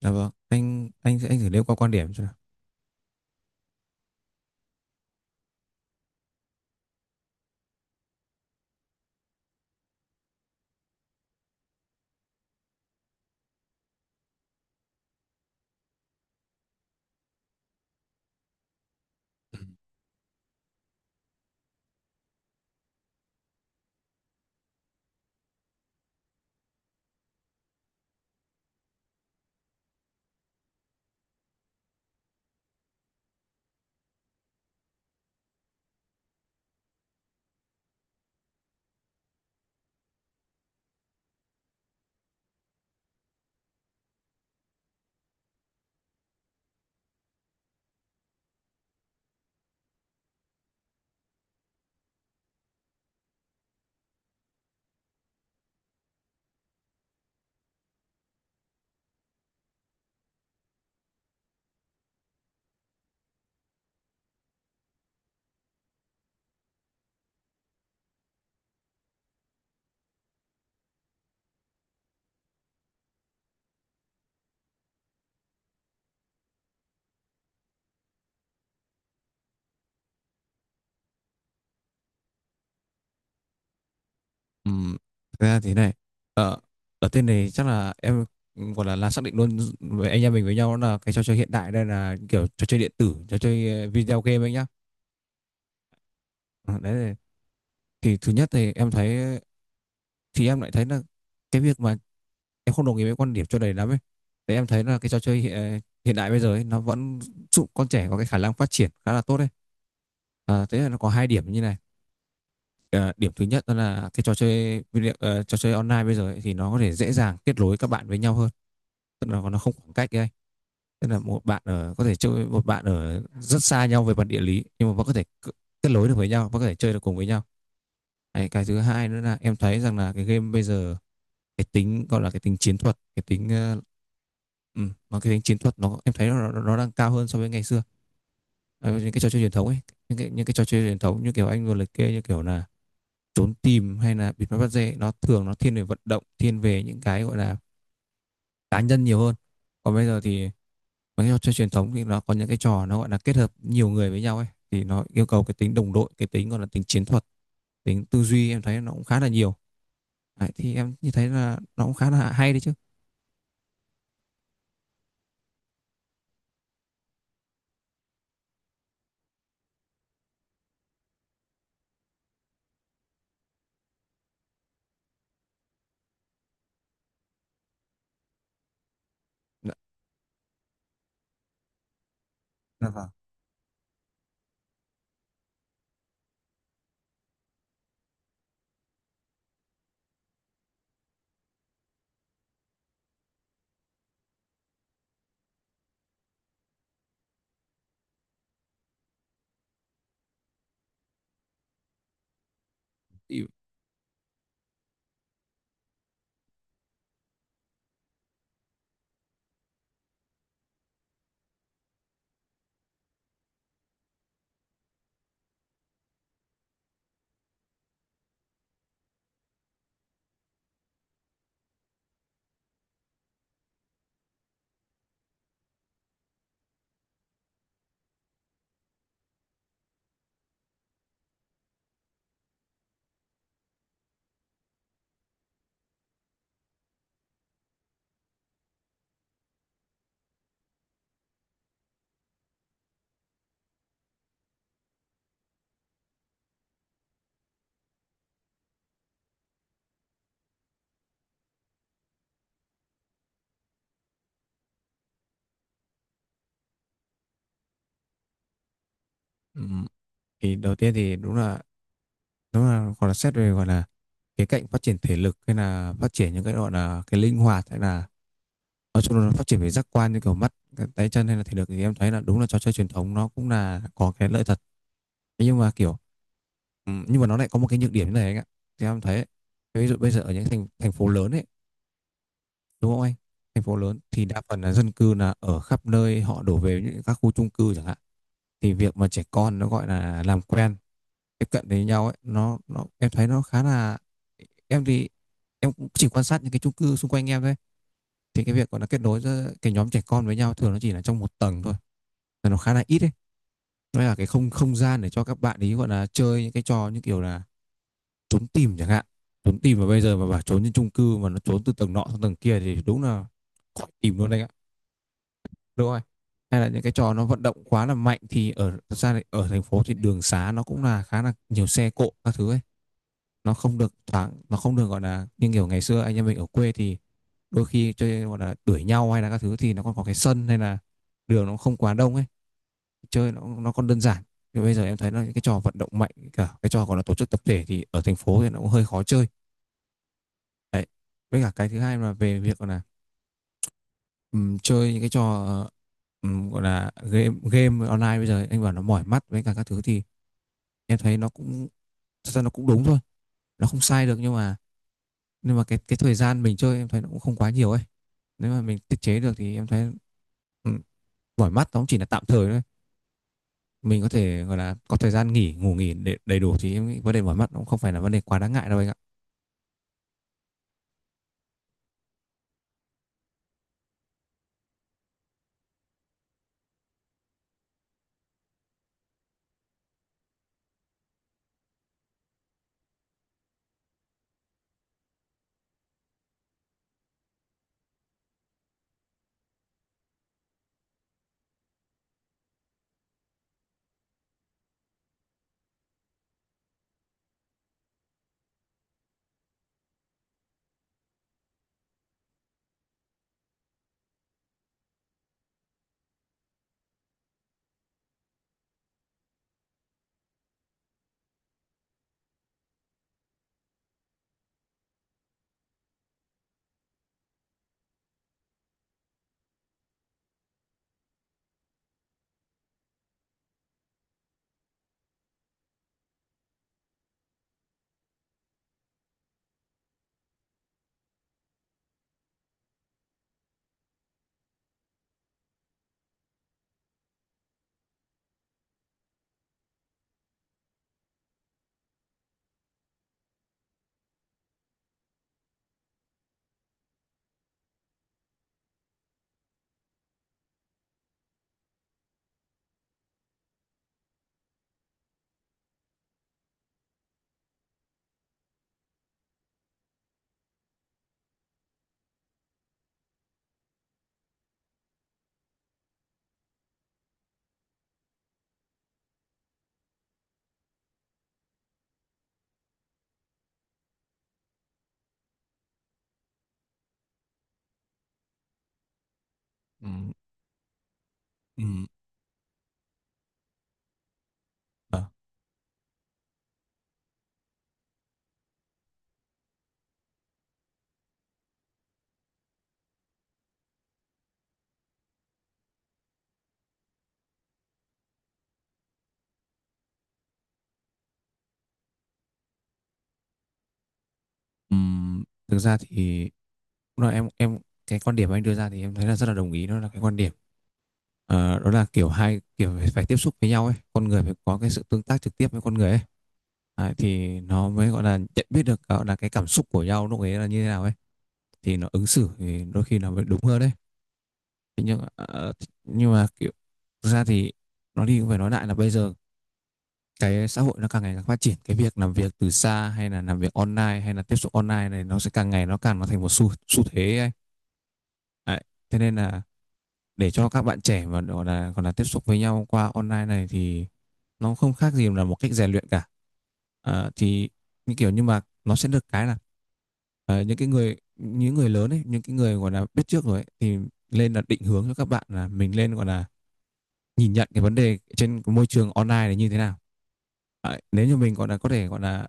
Dạ vâng, anh thử nêu qua quan điểm cho nào. Ừm, thực ra thế này, ở ở tên này chắc là em gọi là xác định luôn với anh em mình với nhau là cái trò chơi hiện đại đây là kiểu trò chơi điện tử, trò chơi video game anh nhá. Ờ, đấy thì thứ nhất thì em thấy thì em lại thấy là cái việc mà em không đồng ý với quan điểm cho đầy lắm ấy. Đấy, em thấy là cái trò chơi hiện đại bây giờ ấy, nó vẫn giúp con trẻ có cái khả năng phát triển khá là tốt đấy. À, thế là nó có hai điểm như này. Ờ, điểm thứ nhất đó là cái trò chơi online bây giờ ấy, thì nó có thể dễ dàng kết nối các bạn với nhau hơn, tức là nó không khoảng cách ấy, tức là một bạn ở có thể chơi với một bạn ở rất xa nhau về mặt địa lý nhưng mà vẫn có thể kết nối được với nhau, vẫn có thể chơi được cùng với nhau. Đấy, cái thứ hai nữa là em thấy rằng là cái game bây giờ cái tính gọi là cái tính chiến thuật, cái tính ừ, mà cái tính chiến thuật nó, em thấy nó đang cao hơn so với ngày xưa. Ờ, những cái trò chơi truyền thống ấy, những cái trò chơi truyền thống như kiểu anh vừa liệt kê như kiểu là trốn tìm hay là bịt mắt bắt dê, nó thường nó thiên về vận động, thiên về những cái gọi là cá nhân nhiều hơn. Còn bây giờ thì mấy trò chơi truyền thống thì nó có những cái trò nó gọi là kết hợp nhiều người với nhau ấy, thì nó yêu cầu cái tính đồng đội, cái tính gọi là tính chiến thuật, tính tư duy, em thấy nó cũng khá là nhiều. Đấy, thì em như thấy là nó cũng khá là hay đấy chứ. Dạ, dạ vâng. Thì, ừm, thì đầu tiên thì đúng là, đúng là còn là xét về gọi là cái cạnh phát triển thể lực hay là phát triển những cái gọi là cái linh hoạt hay là nói chung là nó phát triển về giác quan như kiểu mắt, cái tay chân hay là thể lực, thì em thấy là đúng là trò chơi truyền thống nó cũng là có cái lợi thật. Thế nhưng mà kiểu nhưng mà nó lại có một cái nhược điểm như này anh ạ, thì em thấy ví dụ bây giờ ở những thành thành phố lớn ấy, đúng không anh, thành phố lớn thì đa phần là dân cư là ở khắp nơi, họ đổ về những các khu chung cư chẳng hạn, thì việc mà trẻ con nó gọi là làm quen tiếp cận với nhau ấy, nó em thấy nó khá là, em thì em cũng chỉ quan sát những cái chung cư xung quanh em thôi, thì cái việc gọi là kết nối giữa cái nhóm trẻ con với nhau thường nó chỉ là trong một tầng thôi, là nó khá là ít đấy. Nó là cái không không gian để cho các bạn ý gọi là chơi những cái trò như kiểu là trốn tìm chẳng hạn, trốn tìm mà bây giờ mà bảo trốn trên chung cư mà nó trốn từ tầng nọ sang tầng kia thì đúng là khỏi tìm luôn đấy ạ. Đúng rồi, hay là những cái trò nó vận động quá là mạnh thì ở, thật ra ở thành phố thì đường xá nó cũng là khá là nhiều xe cộ các thứ ấy, nó không được thoáng, nó không được gọi là như kiểu ngày xưa anh em mình ở quê thì đôi khi chơi gọi là đuổi nhau hay là các thứ thì nó còn có cái sân hay là đường nó không quá đông ấy, chơi nó còn đơn giản. Nhưng bây giờ em thấy là những cái trò vận động mạnh cả cái trò còn là tổ chức tập thể thì ở thành phố thì nó cũng hơi khó chơi đấy. Với cả cái thứ hai là về việc gọi là chơi những cái trò gọi là game game online bây giờ anh bảo nó mỏi mắt với cả các thứ thì em thấy nó cũng, thật ra nó cũng đúng thôi, nó không sai được nhưng mà, nhưng mà cái thời gian mình chơi em thấy nó cũng không quá nhiều ấy, nếu mà mình tiết chế được thì em thấy ừ, mỏi mắt nó cũng chỉ là tạm thời thôi, mình có thể gọi là có thời gian nghỉ ngủ nghỉ để đầy đủ thì em nghĩ vấn đề mỏi mắt nó cũng không phải là vấn đề quá đáng ngại đâu anh ạ. Ừ, ừ, ừ. Thực ra thì lúc nào em cái quan điểm anh đưa ra thì em thấy là rất là đồng ý, đó là cái quan điểm. Ờ, đó là kiểu hai kiểu phải tiếp xúc với nhau ấy, con người phải có cái sự tương tác trực tiếp với con người ấy. Đấy, thì nó mới gọi là nhận biết được gọi là cái cảm xúc của nhau lúc ấy là như thế nào ấy, thì nó ứng xử thì đôi khi nó mới đúng hơn đấy. Thế nhưng nhưng mà kiểu, thực ra thì nói đi cũng phải nói lại là bây giờ cái xã hội nó càng ngày càng phát triển, cái việc làm việc từ xa hay là làm việc online hay là tiếp xúc online này nó sẽ càng ngày nó càng nó thành một xu xu thế ấy. Đấy, thế nên là để cho các bạn trẻ mà gọi là còn là tiếp xúc với nhau qua online này thì nó không khác gì là một cách rèn luyện cả. Ờ, thì như kiểu nhưng mà nó sẽ được cái là ờ, những cái người, những người lớn ấy, những cái người gọi là biết trước rồi ấy, thì lên là định hướng cho các bạn là mình lên gọi là nhìn nhận cái vấn đề trên cái môi trường online này như thế nào. Đấy, nếu như mình gọi là có thể gọi là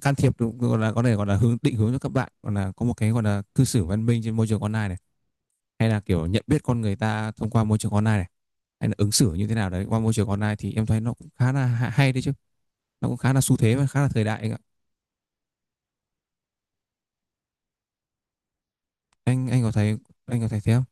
can thiệp được, gọi là có thể gọi là hướng định hướng cho các bạn, gọi là có một cái gọi là cư xử văn minh trên môi trường online này, hay là kiểu nhận biết con người ta thông qua môi trường online này, hay là ứng xử như thế nào đấy qua môi trường online, thì em thấy nó cũng khá là hay đấy chứ, nó cũng khá là xu thế và khá là thời đại anh ạ. Anh có thấy, anh có thấy thế không?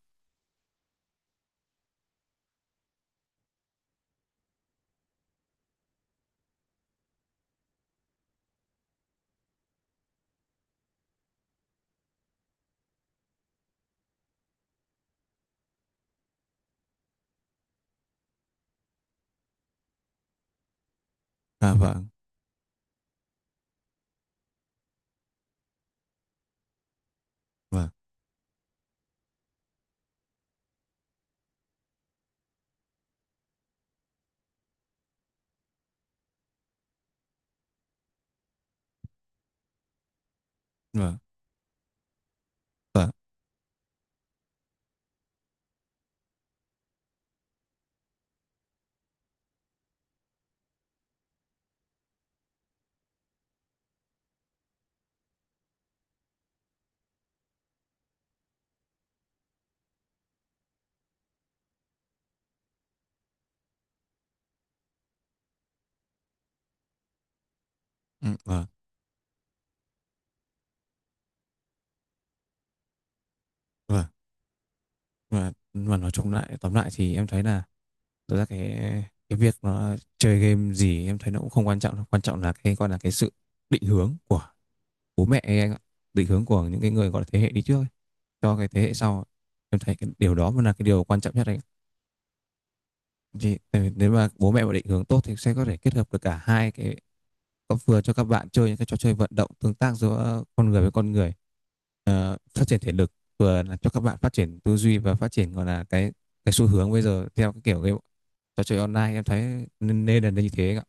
À vâng, vâng, vâng, vâng, ừ, vâng, vâng, vâng. Mà nói chung lại, tóm lại thì em thấy là thực ra cái việc nó chơi game gì em thấy nó cũng không quan trọng đâu. Quan trọng là cái gọi là cái sự định hướng của bố mẹ ấy anh ạ, định hướng của những cái người gọi là thế hệ đi trước ấy, cho cái thế hệ sau, em thấy cái điều đó mới là cái điều quan trọng nhất anh ạ. Thì, ừ, nếu mà bố mẹ mà định hướng tốt thì sẽ có thể kết hợp được cả hai cái, có vừa cho các bạn chơi những cái trò chơi vận động tương tác giữa con người với con người, ờ, phát triển thể lực, vừa là cho các bạn phát triển tư duy và phát triển gọi là cái xu hướng bây giờ theo cái kiểu cái trò chơi online, em thấy nên là như thế anh ạ.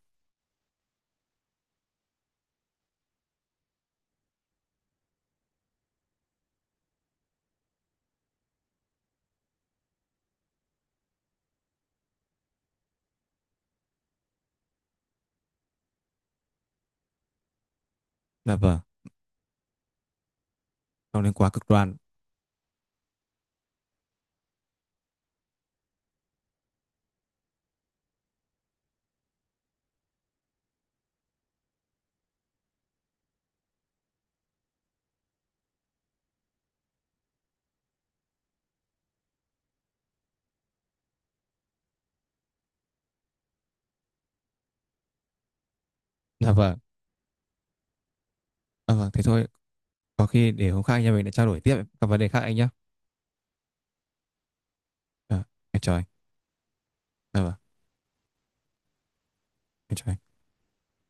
Là vâng, không nên quá cực đoan. Là vâng, à, vâng thế thôi, có khi để hôm khác nhà mình lại trao đổi tiếp các vấn đề khác anh nhé. À, em chào anh. Là vâng. Em chào anh.